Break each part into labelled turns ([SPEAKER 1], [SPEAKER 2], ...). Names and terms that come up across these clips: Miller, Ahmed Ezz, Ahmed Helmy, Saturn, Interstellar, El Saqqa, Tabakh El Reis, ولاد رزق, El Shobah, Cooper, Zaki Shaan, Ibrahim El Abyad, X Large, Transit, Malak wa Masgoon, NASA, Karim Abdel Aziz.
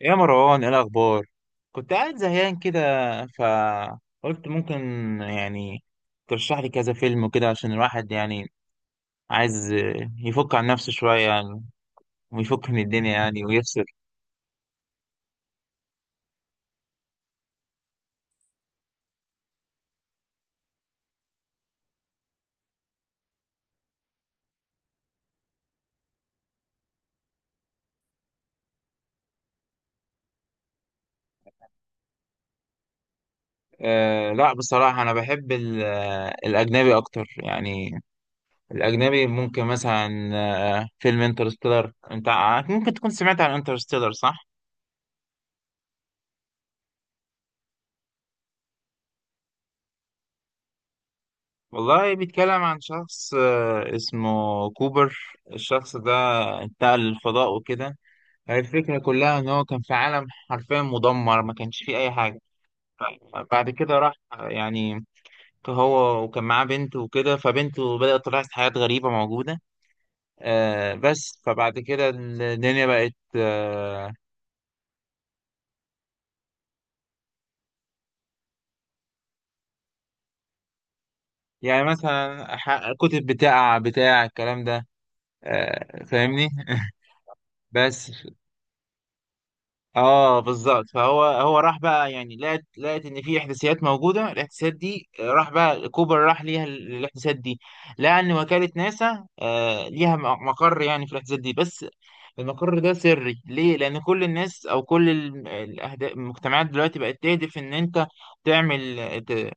[SPEAKER 1] يا مروان ايه الاخبار؟ كنت قاعد زهقان كده، فقلت ممكن يعني ترشح لي كذا فيلم وكده عشان الواحد يعني عايز يفك عن نفسه شويه يعني، ويفك من الدنيا يعني ويفصل. أه، لا بصراحه انا بحب الاجنبي اكتر يعني. الاجنبي ممكن مثلا فيلم انترستيلر. انت ممكن تكون سمعت عن انترستيلر، صح؟ والله بيتكلم عن شخص اسمه كوبر. الشخص ده انتقل للفضاء وكده. الفكرة كلها إن هو كان في عالم حرفيا مدمر، ما كانش فيه أي حاجة. بعد كده راح يعني هو، وكان معاه بنته وكده، فبنته بدأت تلاحظ حاجات غريبة موجودة. بس فبعد كده الدنيا بقت يعني مثلا كتب بتاع الكلام ده، آه، فاهمني؟ بس اه بالظبط. فهو راح بقى يعني لقت ان في احداثيات موجوده. الاحداثيات دي راح بقى كوبر راح ليها الاحداثيات دي. لقى ان وكاله ناسا آه ليها مقر يعني في الاحداثيات دي. بس المقر ده سري ليه؟ لان كل الناس او كل المجتمعات دلوقتي بقت تهدف ان انت تعمل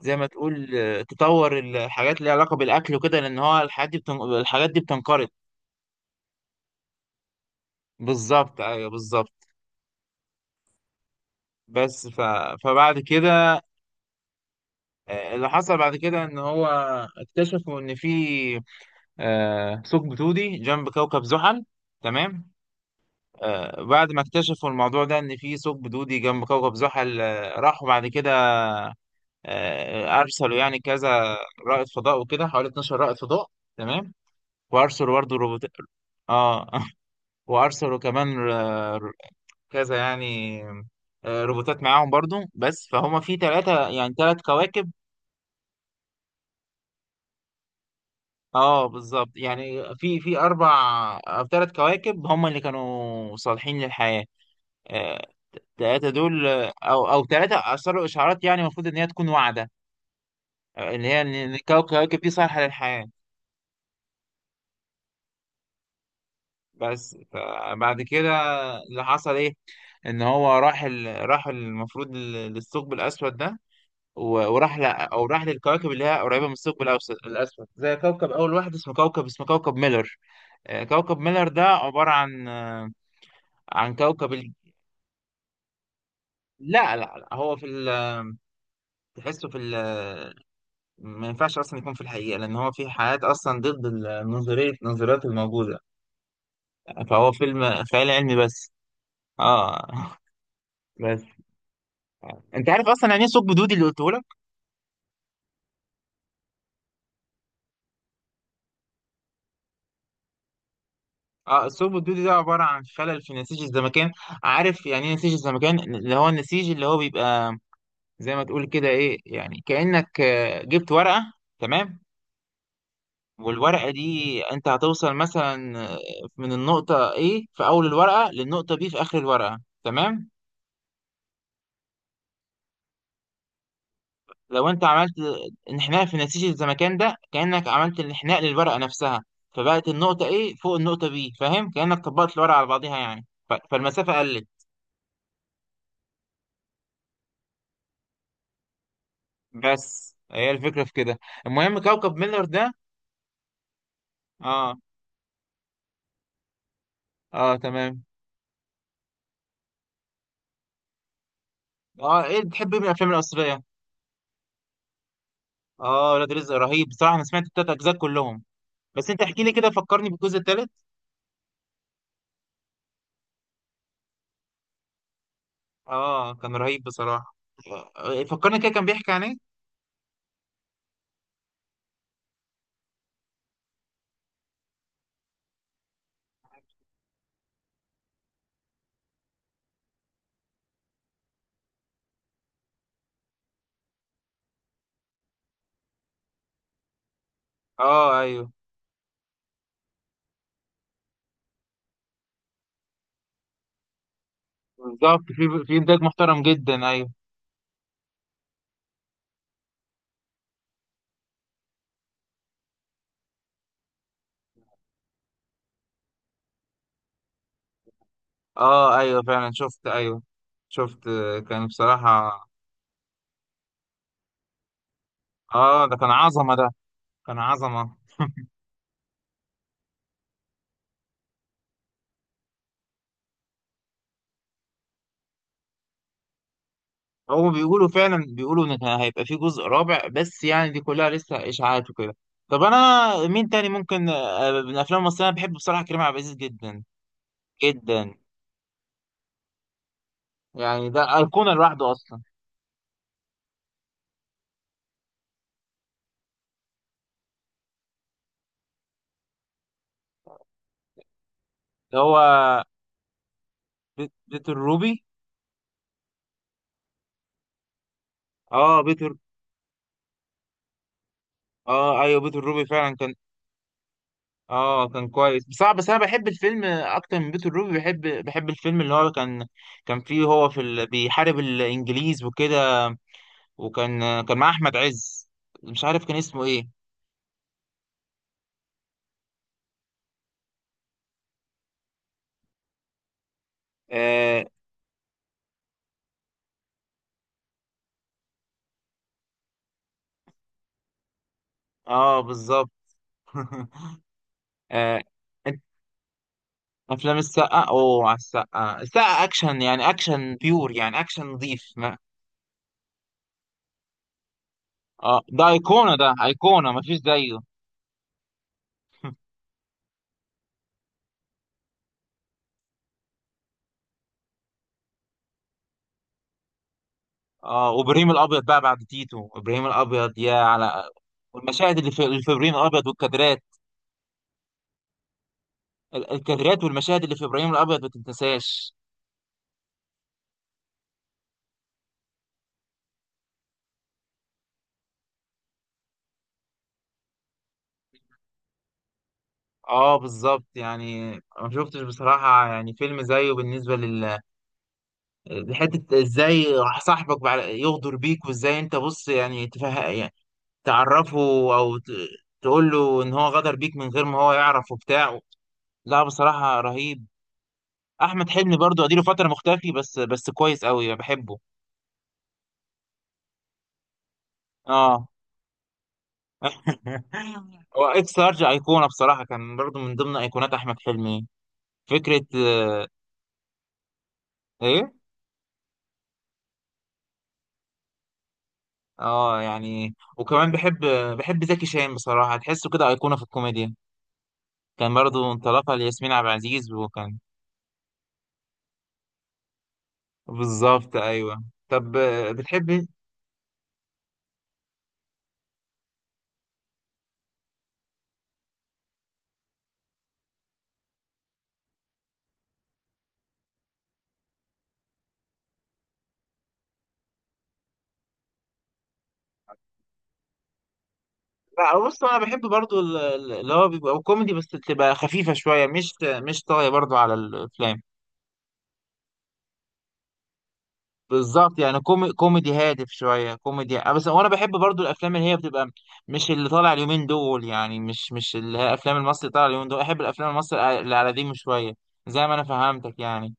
[SPEAKER 1] زي ما تقول تطور الحاجات اللي ليها علاقه بالاكل وكده، لان هو الحاجات دي الحاجات دي بتنقرض. بالظبط ايوه، بالظبط. بس ف... فبعد كده اللي حصل بعد كده ان هو اكتشفوا ان في ثقب دودي جنب كوكب زحل. تمام. بعد ما اكتشفوا الموضوع ده ان في ثقب دودي جنب كوكب زحل، راحوا بعد كده ارسلوا يعني كذا رائد فضاء وكده، حوالي 12 رائد فضاء. تمام. وارسلوا برضه روبوت. اه وارسلوا كمان كذا يعني روبوتات معاهم برضو. بس فهم في ثلاثة يعني ثلاث كواكب. اه بالظبط، يعني في اربع او ثلاث كواكب هم اللي كانوا صالحين للحياه. آه، التلاتة دول او ثلاثه ارسلوا اشعارات يعني المفروض ان هي تكون واعده، اللي هي ان إن الكواكب دي صالحه للحياه. بس فبعد كده اللي حصل ايه؟ ان هو راح المفروض للثقب الاسود ده، وراح او راح للكواكب اللي هي قريبه من الاسود، زي كوكب اول واحد اسمه كوكب ميلر. كوكب ميلر ده عباره عن عن كوكب ال... لا لا لا، هو في ال... تحسه في ال... ما ينفعش اصلا يكون في الحقيقه، لان هو في حياه اصلا ضد ال- نظريه النظريات الموجوده. فهو فيلم خيال علمي بس. اه بس انت عارف اصلا يعني ايه ثقب دودي اللي قلته لك؟ اه، الثقب الدودي ده عباره عن خلل في نسيج الزمكان. عارف يعني ايه نسيج الزمكان؟ اللي هو النسيج اللي هو بيبقى زي ما تقول كده ايه، يعني كانك جبت ورقه. تمام. والورقة دي انت هتوصل مثلا من النقطة A في أول الورقة، للنقطة B في آخر الورقة. تمام؟ لو انت عملت انحناء في نسيج الزمكان ده، كأنك عملت الانحناء للورقة نفسها. فبقت النقطة A فوق النقطة B، فاهم؟ كأنك طبقت الورقة على بعضيها يعني، فالمسافة قلت. بس هي الفكرة في كده. المهم كوكب ميلر ده. اه، اه تمام. اه ايه بتحب ايه من الأفلام المصرية؟ اه، ولاد رزق رهيب بصراحة. أنا سمعت التلات أجزاء كلهم، بس انت احكي لي كده، فكرني بالجزء التالت. اه كان رهيب بصراحة. فكرني كده، كان بيحكي عن ايه؟ اه ايوه، بالظبط، في انتاج محترم جدا، ايوه. اه ايوه فعلا شفت، ايوه. شفت كان بصراحة. اه ده كان عظمة ده، كان عظمة. هو بيقولوا فعلا، بيقولوا ان كان هيبقى في جزء رابع، بس يعني دي كلها لسه اشاعات وكده. طب انا مين تاني ممكن من الافلام المصرية؟ انا بحب بصراحة كريم عبد العزيز جدا جدا، يعني ده أيقونة لوحده اصلا. ده هو بيت الروبي. اه بيت، اه ايوه بيت الروبي فعلا كان، اه كان كويس. بس انا بحب الفيلم اكتر من بيت الروبي، بحب الفيلم اللي هو كان، كان فيه هو في ال... بيحارب الانجليز وكده. وكان مع احمد عز، مش عارف كان اسمه ايه. اه، آه بالظبط. آه، أنت- افلام السقا، اوه على السقا، السقا اكشن يعني، اكشن بيور يعني، اكشن نظيف ما... اه ده ايقونه، ده ايقونه مفيش زيه. اه، وابراهيم الابيض بقى بعد تيتو، ابراهيم الابيض يا على. والمشاهد اللي في ابراهيم الابيض والكادرات، الكادرات والمشاهد اللي في ابراهيم الابيض ما تنتساش. اه بالظبط يعني. ما شفتش بصراحه يعني فيلم زيه بالنسبه لل، لحته ازاي صاحبك يغدر بيك، وازاي انت بص يعني يعني تعرفه او ت... تقول له ان هو غدر بيك من غير ما هو يعرف وبتاع. لا بصراحه رهيب. احمد حلمي برضو اديله فتره مختفي، بس كويس قوي بحبه. اه هو اكس لارج ايقونه بصراحه، كان برضو من ضمن ايقونات احمد حلمي. فكره ايه. اه يعني وكمان بحب، بحب زكي شان بصراحه، تحسه كده ايقونه في الكوميديا. كان برضو انطلاقه لياسمين عبد العزيز وكان. بالظبط ايوه. طب بتحب، لا بص انا بحب برضو اللي هو بيبقى كوميدي بس تبقى خفيفه شويه، مش طاغيه برضو على الافلام. بالظبط يعني، كوميدي هادف شويه، كوميدي بس. وانا بحب برضو الافلام اللي هي بتبقى، مش اللي طالع اليومين دول يعني، مش اللي هي افلام المصري طالع اليومين دول. احب الافلام المصري اللي على ديمه شويه، زي ما انا فهمتك يعني.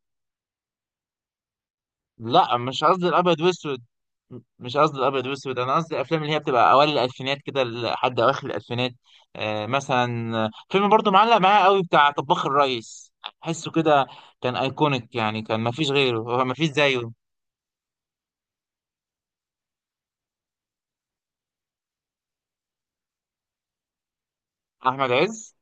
[SPEAKER 1] لا مش قصدي الابيض واسود، مش قصدي الابيض واسود. انا قصدي الافلام اللي هي بتبقى اوائل الالفينات كده لحد اواخر الالفينات. آه مثلا فيلم برضو معلق معايا قوي بتاع طباخ الريس. احسه كده كان ايكونيك يعني، كان مفيش غيره، مفيش زيه. احمد عز،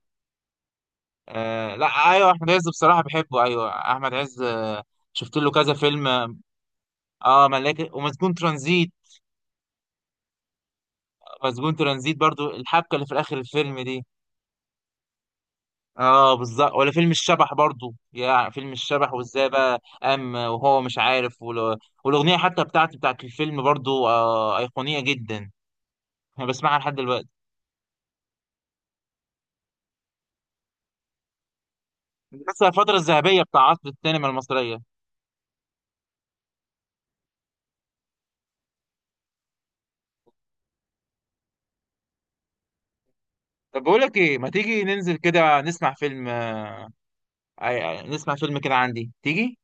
[SPEAKER 1] آه لا، ايوه احمد عز بصراحه بحبه، ايوه احمد عز شفت له كذا فيلم، اه. ملاك ومسجون ترانزيت، مسجون ترانزيت برضو الحبكه اللي في اخر الفيلم دي، اه بالظبط. ولا فيلم الشبح برضو، يا فيلم الشبح وازاي بقى قام وهو مش عارف والاغنيه حتى بتاعت الفيلم برضو آه ايقونيه جدا، انا بسمعها لحد دلوقتي. بس الفتره الذهبيه بتاع عصر السينما المصريه. طب بقول لك ايه، ما تيجي ننزل كده نسمع فيلم نسمع فيلم كده عندي، تيجي؟